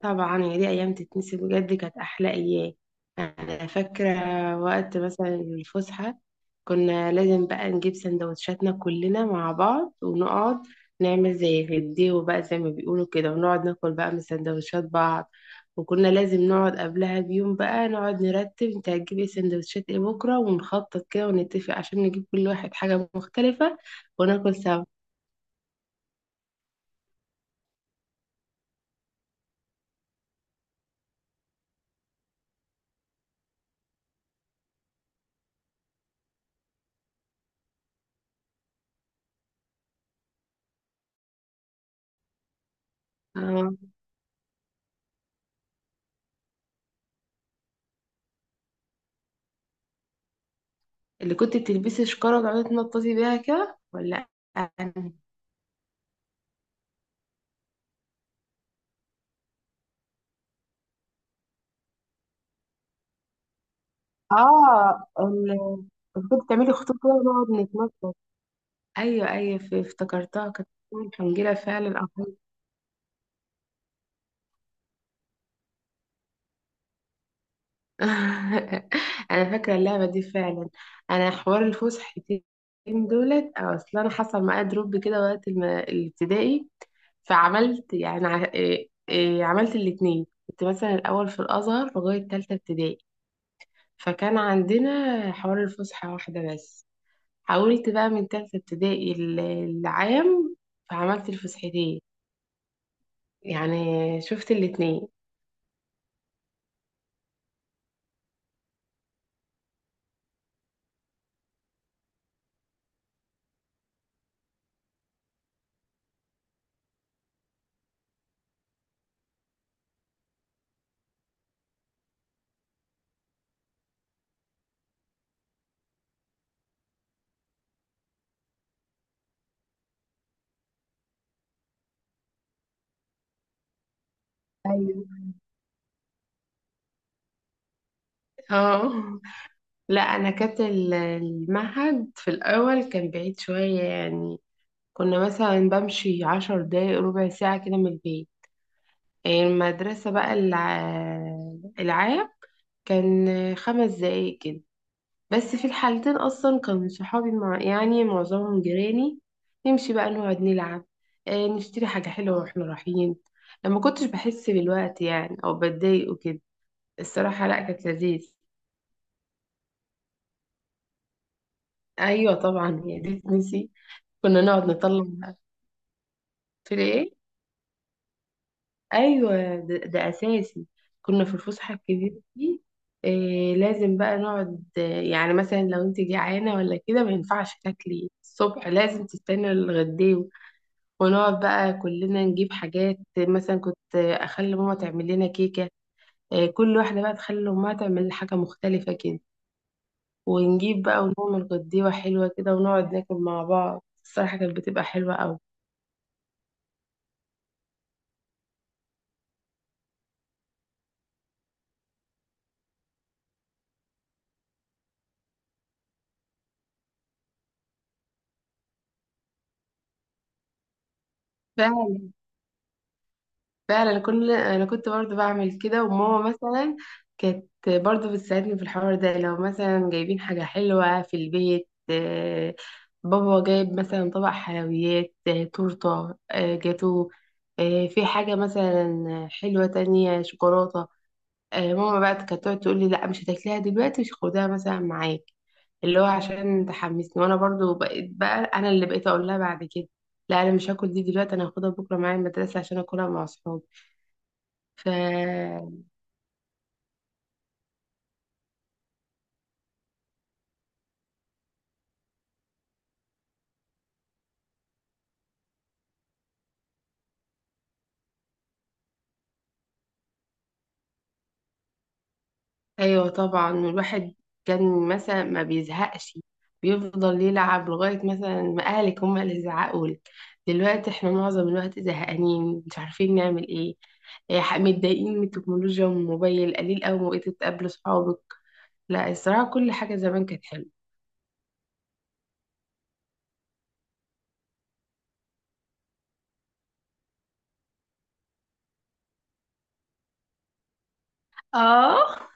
طبعا يا دي ايام تتنسي بجد، كانت احلى ايام. انا فاكره وقت مثلا الفسحه، كنا لازم بقى نجيب سندوتشاتنا كلنا مع بعض ونقعد نعمل زي غديو بقى زي ما بيقولوا كده، ونقعد ناكل بقى من سندوتشات بعض. وكنا لازم نقعد قبلها بيوم بقى نقعد نرتب، انت هتجيب ايه؟ سندوتشات ايه بكره؟ ونخطط كده ونتفق عشان نجيب كل واحد حاجه مختلفه وناكل سوا. اه، اللي كنت بتلبسي شكاره وتقعدي تنططي بيها كده ولا؟ أنا؟ اه. المفروض تعملي خطوط كده ونقعد نتنطط. ايوه، ايوه، افتكرتها كانت بتعمل حنجرة فعلا او حاجة. انا فاكره اللعبه دي فعلا. انا حوار الفسحتين دولت أو اصل انا حصل معايا دروب كده وقت الابتدائي. فعملت يعني ع- إيه- إيه، عملت الاتنين. كنت مثلا الاول في الازهر لغايه تالتة ابتدائي، فكان عندنا حوار الفسحه واحده بس. حاولت بقى من تالتة ابتدائي العام، فعملت الفسحتين، يعني شفت الاتنين. ايوه، اه، لا انا كانت المعهد في الاول كان بعيد شوية يعني، كنا مثلا بمشي 10 دقايق ربع ساعة كده من البيت. المدرسة بقى العام كان 5 دقايق كده. بس في الحالتين اصلا كانوا صحابي مع يعني معظمهم جيراني، نمشي بقى نقعد نلعب، نشتري حاجة حلوة واحنا رايحين. لما كنتش بحس بالوقت يعني او بتضايق وكده، الصراحة لا، كانت لذيذ. ايوه طبعا هي دي تنسي. كنا نقعد نطلع في ايه؟ ايوه، ده اساسي. كنا في الفسحة الكبيرة دي إيه، لازم بقى نقعد يعني مثلا لو انت جعانة ولا كده ما ينفعش تاكلي الصبح، لازم تستني الغدا. ونقعد بقى كلنا نجيب حاجات، مثلا كنت اخلي ماما تعمل لنا كيكه، كل واحده بقى تخلي امها تعمل لنا حاجه مختلفه كده، ونجيب بقى ونعمل غديوه حلوه كده ونقعد ناكل مع بعض. الصراحه كانت بتبقى حلوه قوي. فعلا كل انا كنت برضو بعمل كده. وماما مثلا كانت برضو بتساعدني في الحوار ده. لو مثلا جايبين حاجة حلوة في البيت، بابا جايب مثلا طبق حلويات، تورتة، جاتو، في حاجة مثلا حلوة تانية، شوكولاتة، ماما بقى كانت تقعد تقول لي لا مش هتاكليها دلوقتي، مش خدها مثلا معاك، اللي هو عشان تحمسني. وانا برضو بقيت بقى انا اللي بقيت اقول لها بعد كده لا انا مش هاكل دي دلوقتي، انا هاخدها بكره معايا المدرسه عشان اكلها مع اصحابي. ف ايوه طبعا. الواحد كان مثلا ما بيزهقش، بيفضل يلعب لغايه مثلا ما اهلك هم اللي يزعقوا لك. دلوقتي احنا معظم الوقت زهقانين مش عارفين نعمل ايه، متضايقين من التكنولوجيا والموبايل. قليل قوي ما بقيت تقابل صحابك. لا الصراحه كل حاجه زمان كانت حلوه. اه،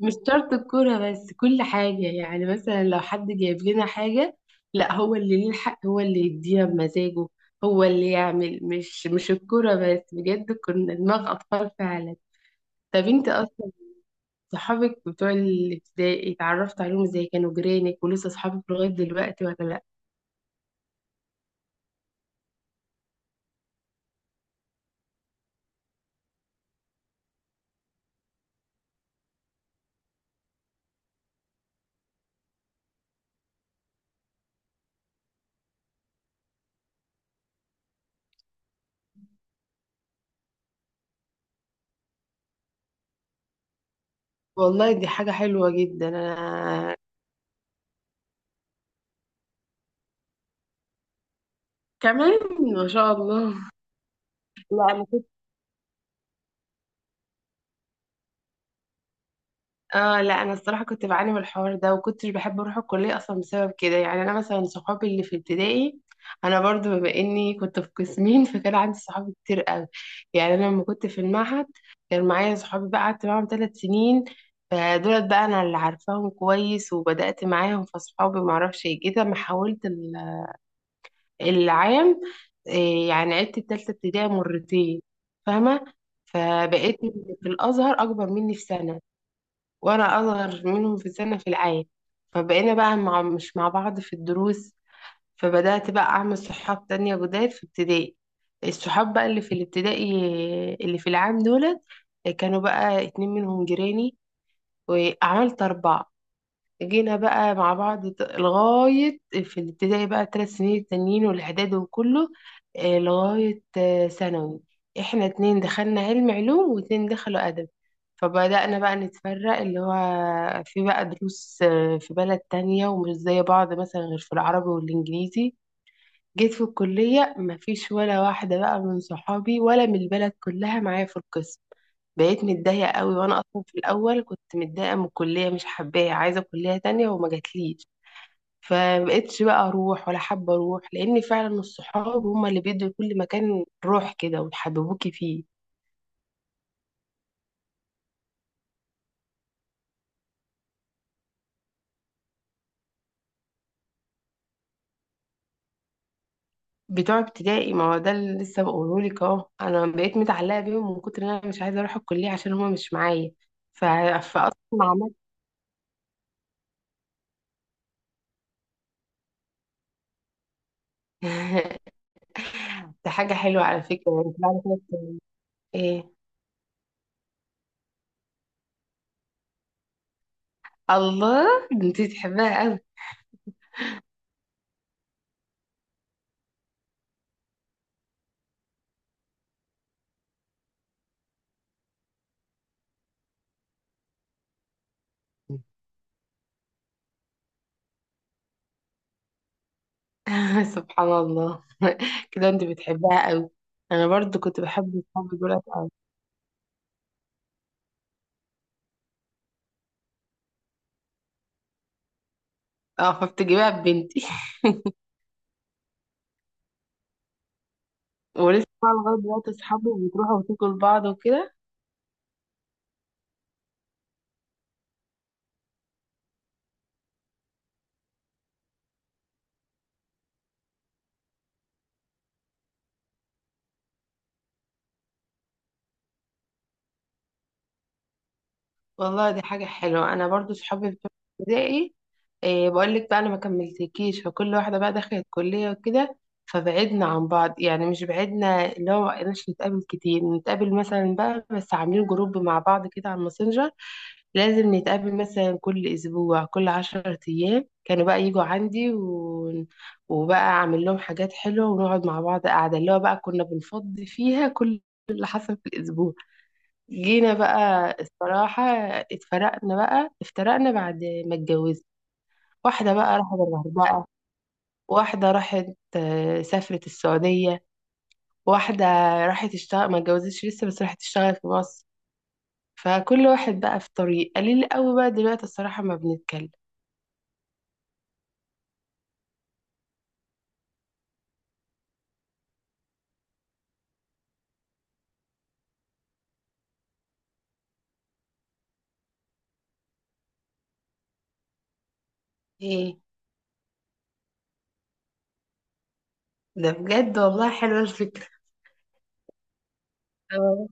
مش شرط الكورة بس، كل حاجة يعني. مثلا لو حد جايب لنا حاجة، لا هو اللي ليه الحق، هو اللي يديها بمزاجه، هو اللي يعمل. مش الكورة بس، بجد كنا دماغ أطفال فعلا. طب انت أصلا صحابك بتوع الابتدائي اتعرفت عليهم ازاي؟ كانوا جيرانك ولسه صحابك لغاية دلوقتي ولا لا؟ والله دي حاجة حلوة جدا. أنا كمان، ما شاء الله. لا، اه لا، انا الصراحه كنت بعاني من الحوار ده وكنتش بحب اروح الكليه اصلا بسبب كده. يعني انا مثلا صحابي اللي في ابتدائي، انا برضو بما اني كنت في قسمين فكان عندي صحابي كتير قوي. يعني انا لما كنت في المعهد كان معايا صحابي بقى قعدت معاهم 3 سنين، فدولت بقى انا اللي عارفاهم كويس وبدات معاهم. فصحابي ما اعرفش ايه كده، ما حاولت العام. إيه يعني عدت الثالثه ابتدائي مرتين، فاهمه؟ فبقيت في الازهر اكبر مني في سنه، وانا اصغر منهم في سنة في العين، فبقينا بقى مع مش مع بعض في الدروس. فبدأت بقى اعمل صحاب تانية جداد في ابتدائي. الصحاب بقى اللي في الابتدائي، اللي في العام دولت، كانوا بقى اتنين منهم جيراني، وعملت اربعة. جينا بقى مع بعض لغاية في الابتدائي بقى الـ 3 سنين التانيين والإعدادي وكله، لغاية ثانوي. احنا اتنين دخلنا علم علوم واتنين دخلوا أدب. فبدأنا بقى نتفرق، اللي هو في بقى دروس في بلد تانية ومش زي بعض، مثلا غير في العربي والإنجليزي. جيت في الكلية مفيش ولا واحدة بقى من صحابي ولا من البلد كلها معايا في القسم. بقيت متضايقة قوي، وانا اصلا في الاول كنت متضايقة من الكلية، مش حباها، عايزة كلية تانية وما جاتليش. فمبقتش بقى اروح ولا حابة اروح، لان فعلا الصحاب هما اللي بيدوا لكل مكان روح كده ويحببوكي فيه. بتوع ابتدائي، ما هو ده اللي لسه بقولهولك اهو. انا بقيت متعلقة بيهم من كتر ان انا مش عايزة اروح الكلية عشان هما مش معايا. ف... فاصلا عملت ده حاجة حلوة على فكرة، يعني بعد كده ايه. الله، ده انتي تحبها قوي. سبحان الله. كده انت بتحبها قوي. انا برضو كنت بحب اصحابي دول قوي. اه، فبتجيبها ببنتي. ولسه بقى لغايه دلوقتي اصحابي بتروحوا وتاكل بعض وكده. والله دي حاجه حلوه. انا برضو صحابي بتوع ابتدائي، إيه بقول لك بقى، انا ما كملتكيش. فكل واحده بقى دخلت كليه وكده، فبعدنا عن بعض. يعني مش بعدنا، اللي هو مبقناش نتقابل كتير. نتقابل مثلا بقى، بس عاملين جروب مع بعض كده على الماسنجر. لازم نتقابل مثلا كل أسبوع كل 10 أيام. كانوا بقى يجوا عندي وبقى أعمل لهم حاجات حلوة ونقعد مع بعض قاعدة، اللي هو بقى كنا بنفضي فيها كل اللي حصل في الأسبوع. جينا بقى الصراحة اتفرقنا بقى افترقنا بعد ما اتجوزنا. واحدة بقى راحت الغردقة، واحدة راحت، سافرت السعودية، واحدة راحت اشتغل، ما اتجوزتش لسه بس راحت تشتغل في مصر. فكل واحد بقى في طريق. قليل قوي بقى دلوقتي الصراحة ما بنتكلم. ايه ده؟ بجد والله حلوة الفكرة. اه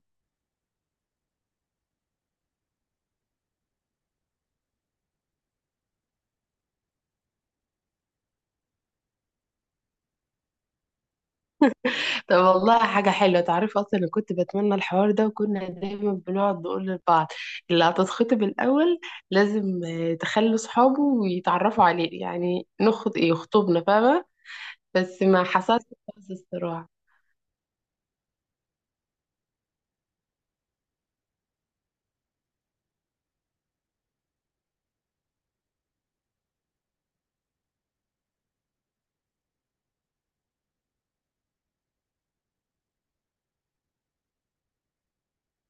طب والله حاجة حلوة. تعرفي أصلا أنا كنت بتمنى الحوار ده، وكنا دايما بنقعد نقول لبعض اللي هتتخطب الأول لازم تخلي صحابه ويتعرفوا عليه، يعني نخط إيه، يخطبنا، فاهمة؟ بس ما حصلش خالص الصراع.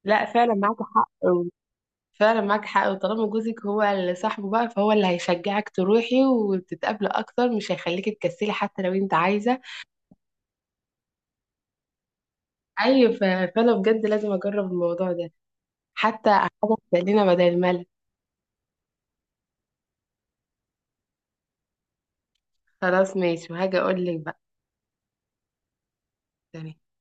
لا فعلا معاك حق، فعلا معاك حق. وطالما جوزك هو اللي صاحبه بقى، فهو اللي هيشجعك تروحي وتتقابلي أكتر، مش هيخليكي تكسلي حتى لو أنت عايزة. أيوة فأنا بجد لازم أجرب الموضوع ده، حتى حاجة تسلينا بدل الملل. خلاص ماشي، وهاجي أقول لك بقى. تمام.